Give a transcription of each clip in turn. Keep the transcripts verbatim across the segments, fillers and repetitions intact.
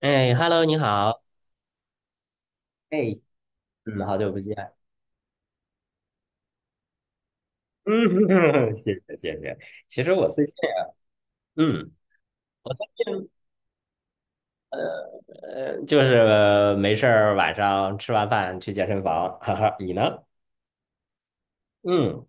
哎，Hello，你好。哎，嗯，好久不见。嗯，谢谢谢谢。其实我最近啊，嗯，我最近呃，就是没事儿，晚上吃完饭去健身房。哈哈，你呢？嗯，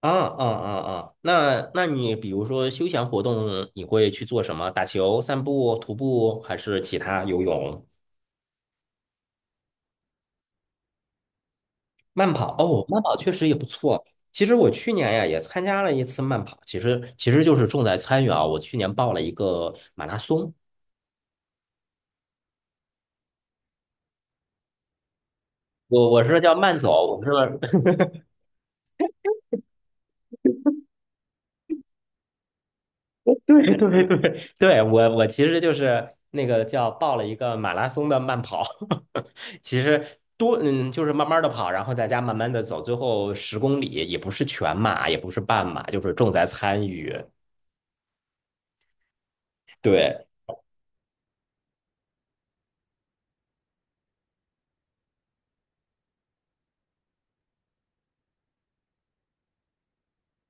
啊啊啊啊，那那你比如说休闲活动，你会去做什么？打球、散步、徒步，还是其他游泳、慢跑？哦，慢跑确实也不错。其实我去年呀也参加了一次慢跑，其实其实就是重在参与啊。我去年报了一个马拉松。我我说叫慢走，我说 对对对 对，我我其实就是那个叫报了一个马拉松的慢跑，其实多嗯就是慢慢的跑，然后在家慢慢的走，最后十公里也不是全马，也不是半马，就是重在参与。对，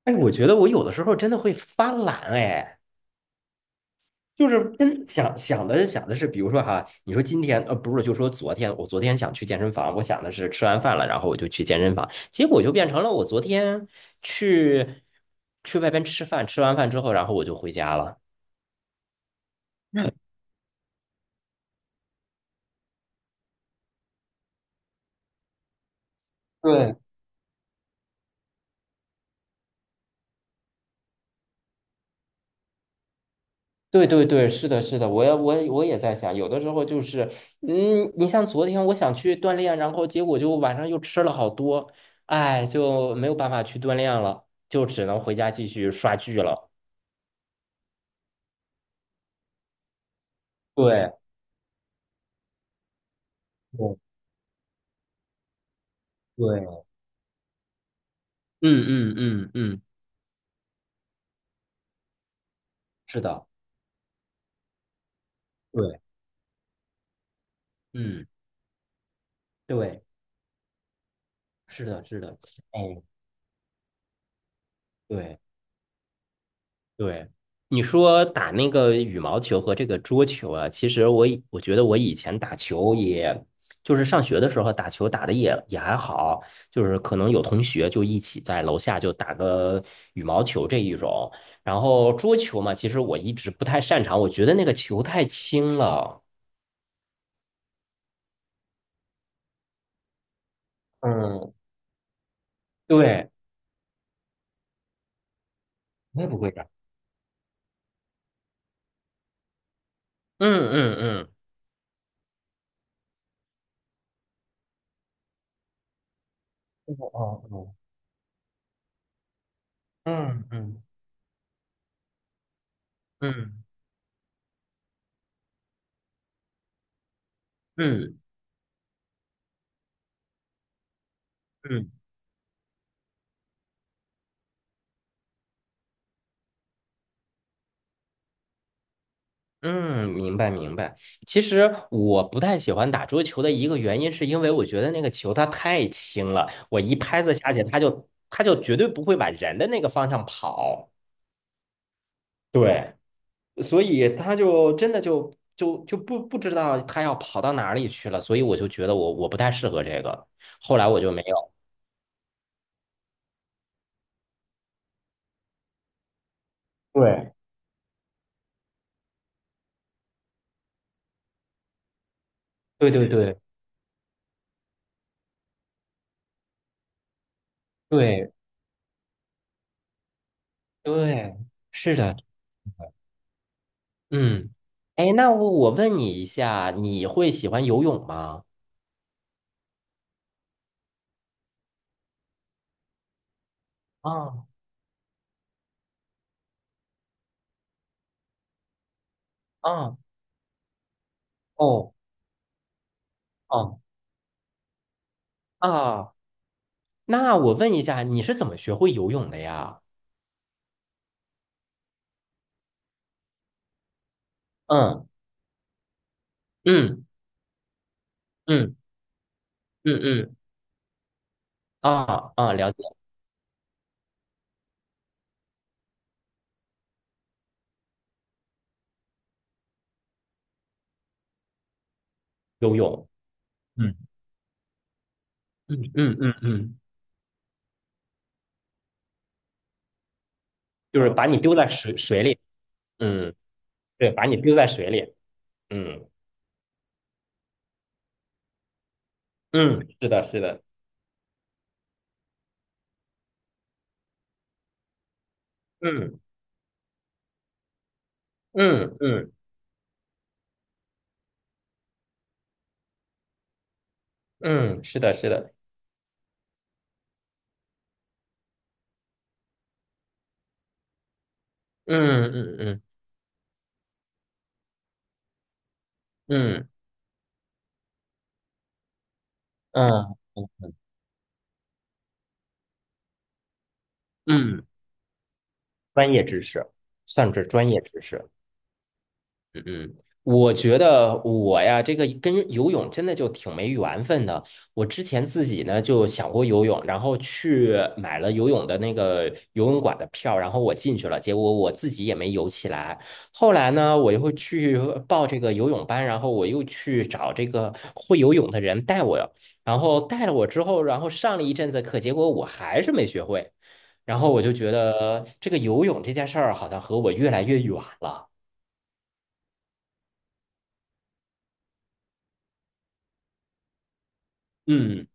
哎，我觉得我有的时候真的会发懒哎。就是跟想想的想的是，比如说哈，你说今天呃不是，就说昨天，我昨天想去健身房，我想的是吃完饭了，然后我就去健身房，结果就变成了我昨天去去外边吃饭，吃完饭之后，然后我就回家了。嗯，对，对对对，是的，是的，我也我也我也在想，有的时候就是，嗯，你像昨天我想去锻炼，然后结果就晚上又吃了好多，哎，就没有办法去锻炼了，就只能回家继续刷剧了。对，对，对嗯嗯嗯嗯，是的，对，嗯对，是的，是的，哎，对对，你说打那个羽毛球和这个桌球啊，其实我以我觉得我以前打球也，就是上学的时候打球打的也也还好，就是可能有同学就一起在楼下就打个羽毛球这一种，然后桌球嘛，其实我一直不太擅长，我觉得那个球太轻了。嗯，对，我也不会打。嗯嗯嗯。哦哦哦嗯嗯嗯嗯嗯嗯，明白明白。其实我不太喜欢打桌球的一个原因，是因为我觉得那个球它太轻了，我一拍子下去，它就它就绝对不会往人的那个方向跑。对，所以它就真的就就就不不知道它要跑到哪里去了，所以我就觉得我我不太适合这个，后来我就没有。对对对对对对，是的。嗯，哎，那我我问你一下，你会喜欢游泳吗？啊啊哦哦啊，那我问一下，你是怎么学会游泳的呀？嗯嗯嗯嗯嗯啊啊，了解游泳。嗯嗯嗯嗯嗯，就是啊把你丢在水水里。嗯，对，把你丢在水里。嗯嗯，是的，是的。嗯嗯嗯嗯，是的，是的。嗯嗯嗯嗯嗯嗯。专业知识，算是专业知识。嗯，我觉得我呀，这个跟游泳真的就挺没缘分的。我之前自己呢就想过游泳，然后去买了游泳的那个游泳馆的票，然后我进去了，结果我自己也没游起来。后来呢，我又去报这个游泳班，然后我又去找这个会游泳的人带我，然后带了我之后，然后上了一阵子课，结果我还是没学会。然后我就觉得这个游泳这件事儿好像和我越来越远了。嗯。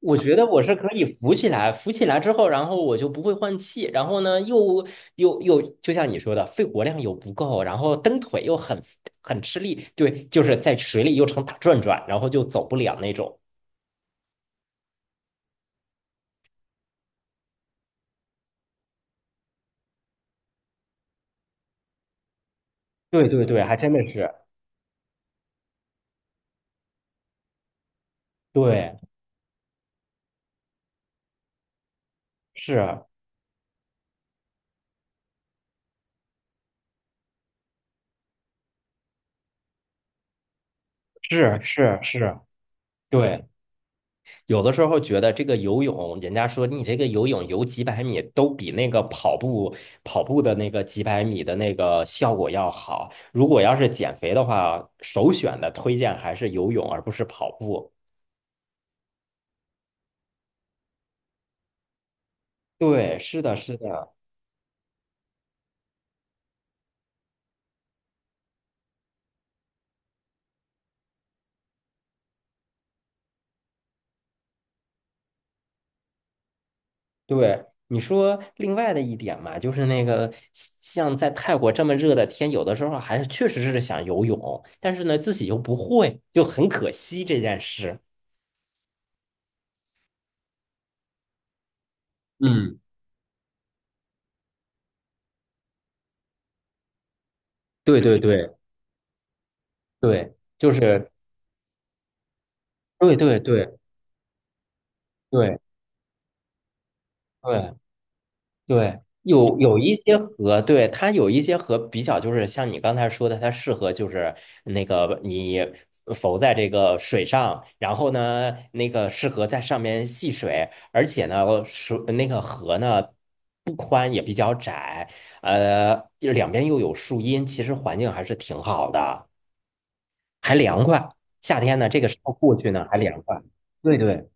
我觉得我是可以浮起来，浮起来之后，然后我就不会换气，然后呢，又又又，就像你说的，肺活量又不够，然后蹬腿又很很吃力，对，就是在水里又成打转转，然后就走不了那种。对对对，还真的是，对，是是是是，对。有的时候觉得这个游泳，人家说你这个游泳游几百米都比那个跑步跑步的那个几百米的那个效果要好。如果要是减肥的话，首选的推荐还是游泳，而不是跑步。对，是的，是的，对。你说另外的一点嘛，就是那个像在泰国这么热的天，有的时候还是确实是想游泳，但是呢自己又不会，就很可惜这件事。嗯，对对对对，就是对对对。对对对，有有一些河，对，它有一些河比较就是像你刚才说的，它适合就是那个你浮在这个水上，然后呢，那个适合在上面戏水，而且呢，水那个河呢不宽也比较窄，呃，两边又有树荫，其实环境还是挺好的，还凉快。夏天呢，这个时候过去呢还凉快。对对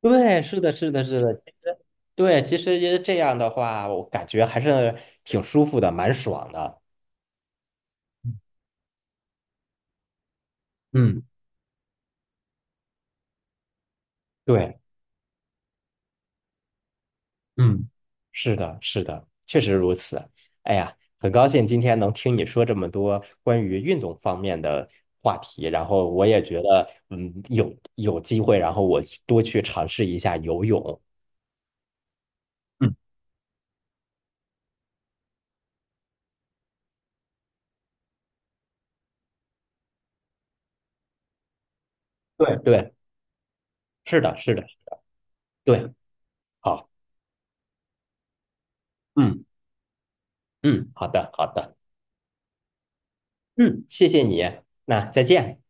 对，是的，是的，是的，其实对，其实这样的话，我感觉还是挺舒服的，蛮爽的。嗯，对，嗯，是的，是的，确实如此。哎呀，很高兴今天能听你说这么多关于运动方面的话题，然后我也觉得，嗯，有有机会，然后我去多去尝试一下游泳。嗯，对对，是的，是的，对，好，嗯嗯，好的，好的，嗯，谢谢你，那再见。